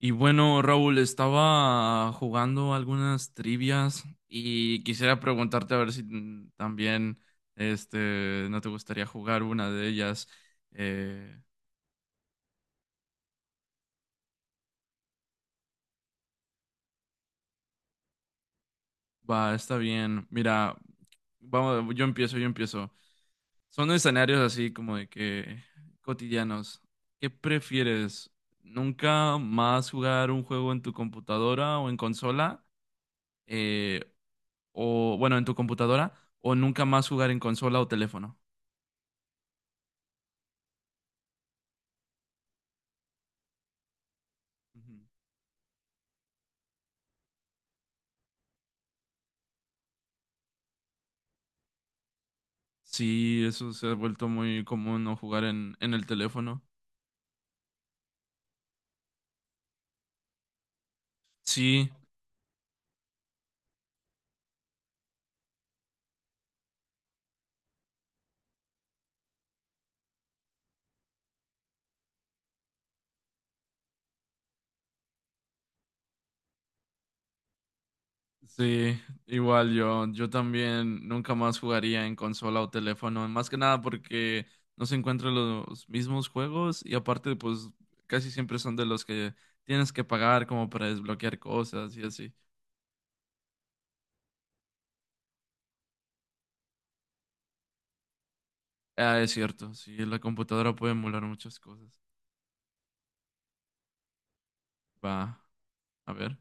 Y bueno, Raúl, estaba jugando algunas trivias y quisiera preguntarte a ver si también este, no te gustaría jugar una de ellas. Eh, Va, está bien. Mira, vamos, yo empiezo. Son escenarios así como de que cotidianos. ¿Qué prefieres? ¿Nunca más jugar un juego en tu computadora o en consola? Eh, o bueno, en tu computadora o nunca más jugar en consola o teléfono. Ujú. Sí, eso se ha vuelto muy común no jugar en el teléfono. Sí, sí, igual yo también nunca más jugaría en consola o teléfono, más que nada porque no se encuentran los mismos juegos y aparte pues casi siempre son de los que tienes que pagar como para desbloquear cosas y así. Ah, es cierto, sí, la computadora puede emular muchas cosas. Va, a ver.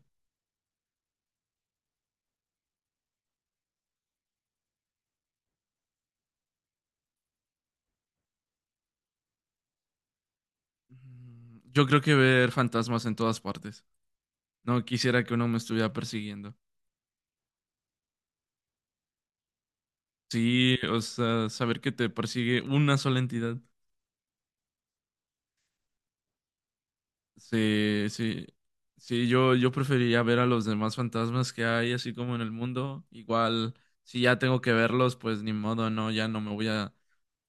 Yo creo que ver fantasmas en todas partes. No quisiera que uno me estuviera persiguiendo. Sí, o sea, saber que te persigue una sola entidad. Sí, sí, sí, yo preferiría ver a los demás fantasmas que hay, así como en el mundo. Igual, si ya tengo que verlos, pues ni modo, no,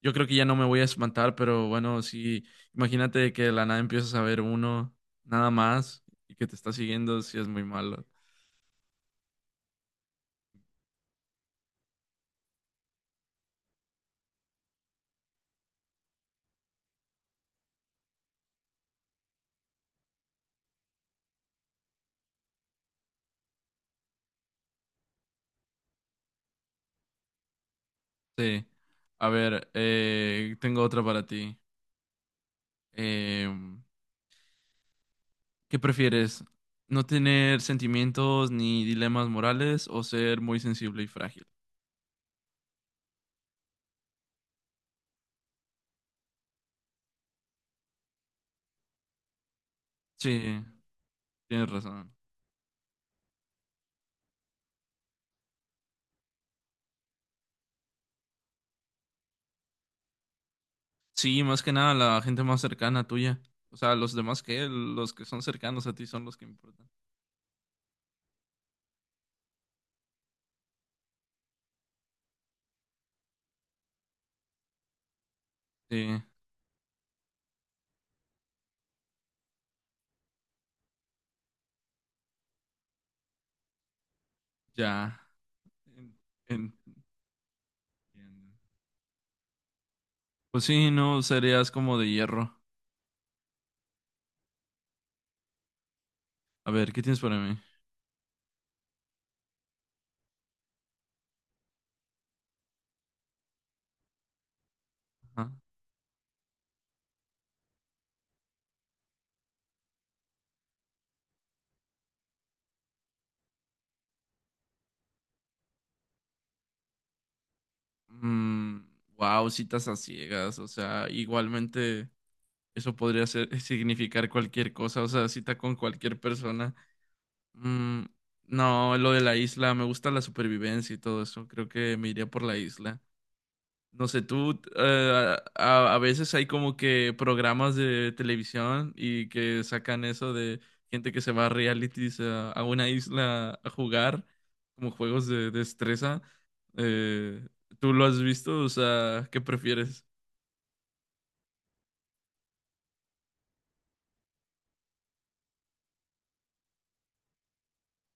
Yo creo que ya no me voy a espantar, pero bueno, sí, imagínate que de la nada empiezas a ver uno, nada más, y que te está siguiendo, sí es muy malo. Sí, a ver, tengo otra para ti. Em, ¿Qué prefieres? ¿No tener sentimientos ni dilemas morales o ser muy sensible y frágil? Sí, tienes razón. Sí, más que nada la gente más cercana a tuya. O sea, los demás que los que son cercanos a ti son los que importan. Sí, ya. En- en- Entiendo. Pues sí, no serías como de hierro. A ver, ¿qué tienes para mí? Ajá. Mm, wow, citas a ciegas. O sea, igualmente eso podría ser, significar cualquier cosa. O sea, cita con cualquier persona. Mm, no, lo de la isla, me gusta la supervivencia y todo eso. Creo que me iría por la isla. No sé, tú, a veces hay como que programas de televisión y que sacan eso de gente que se va a realities a una isla a jugar, como juegos de destreza. Eh, ¿Tú lo has visto? O sea, ¿qué prefieres?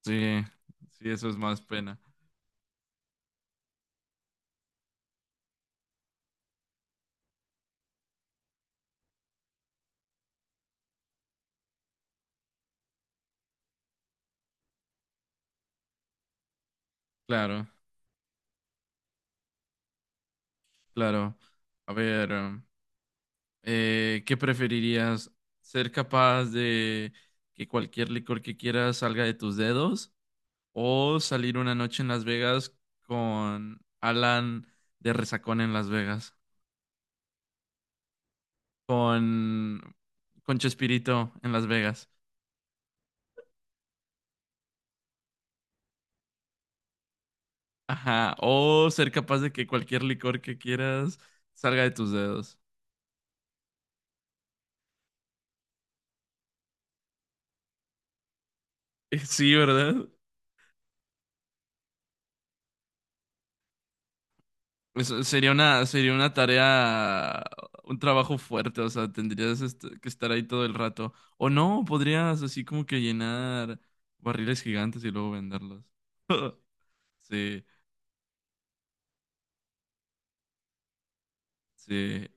Sí, sí, eso es más pena. Claro, claro. A ver. ¿Qué preferirías? ¿Ser capaz de que cualquier licor que quieras salga de tus dedos? ¿O salir una noche en Las Vegas con Alan de Resacón en Las Vegas? Con, con Chespirito en Las Vegas. Ajá. ¿O ser capaz de que cualquier licor que quieras salga de tus dedos? Sí, ¿verdad? Eso sería una tarea, un trabajo fuerte, o sea, tendrías que estar ahí todo el rato. O no, podrías así como que llenar barriles gigantes y luego venderlos. Sí, sí,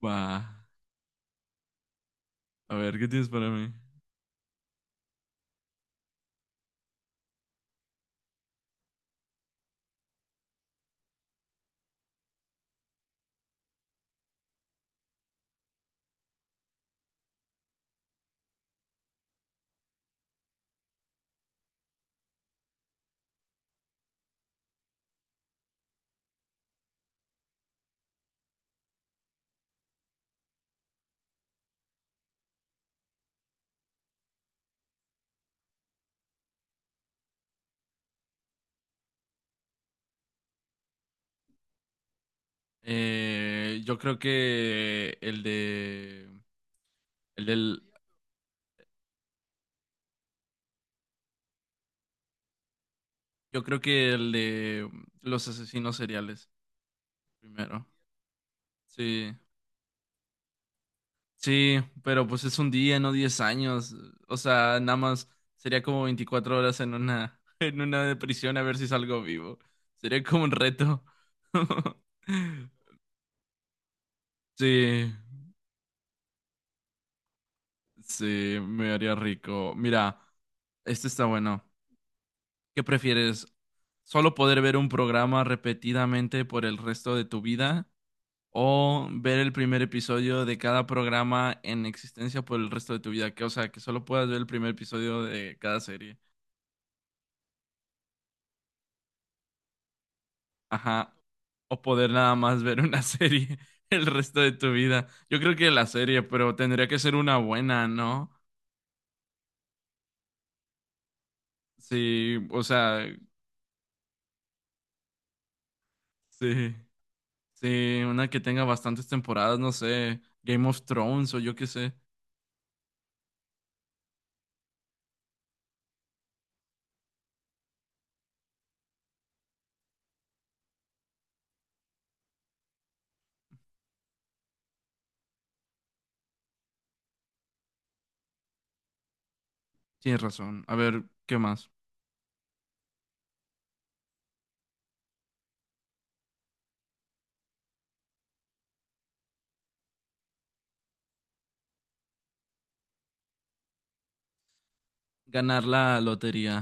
va. A ver, ¿qué tienes para mí? Eh, yo creo que el de, el del, yo creo que el de los asesinos seriales, primero. Sí, sí, pero pues es un día, no 10 años. O sea, nada más sería como 24 horas en una, en una de prisión a ver si salgo vivo. Sería como un reto. Sí, sí, me haría rico. Mira, este está bueno. ¿Qué prefieres? ¿Solo poder ver un programa repetidamente por el resto de tu vida o ver el primer episodio de cada programa en existencia por el resto de tu vida? Que, o sea, que solo puedas ver el primer episodio de cada serie. Ajá. O poder nada más ver una serie el resto de tu vida. Yo creo que la serie, pero tendría que ser una buena, ¿no? Sí, o sea, sí, sí, una que tenga bastantes temporadas, no sé, Game of Thrones o yo qué sé. Tienes razón. A ver, ¿qué más? Ganar la lotería.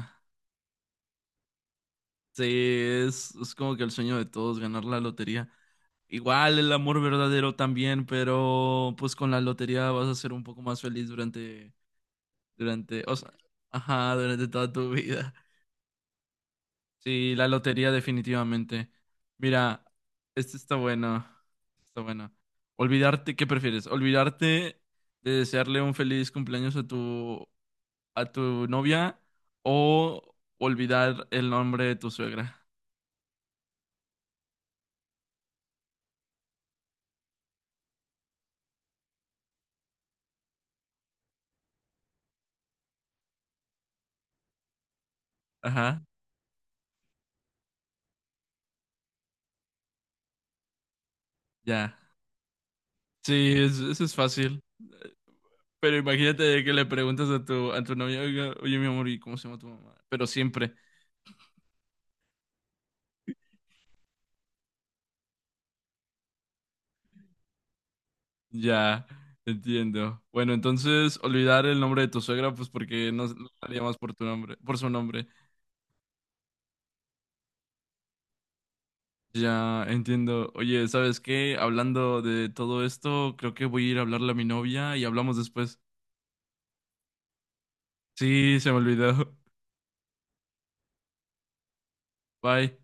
Sí, es como que el sueño de todos, ganar la lotería. Igual el amor verdadero también, pero pues con la lotería vas a ser un poco más feliz durante, o sea, ajá, durante toda tu vida. Sí, la lotería definitivamente. Mira, esto está bueno. Está bueno. ¿Qué prefieres? ¿Olvidarte de desearle un feliz cumpleaños a tu novia o olvidar el nombre de tu suegra? Ajá, ya. Sí, eso es fácil. Pero imagínate que le preguntas a tu novia, "Oiga, oye, mi amor, ¿y cómo se llama tu mamá?" Pero siempre. Ya, entiendo. Bueno, entonces olvidar el nombre de tu suegra, pues porque no la llamas por tu nombre, por su nombre. Ya, entiendo. Oye, ¿sabes qué? Hablando de todo esto, creo que voy a ir a hablarle a mi novia y hablamos después. Sí, se me olvidó. Bye.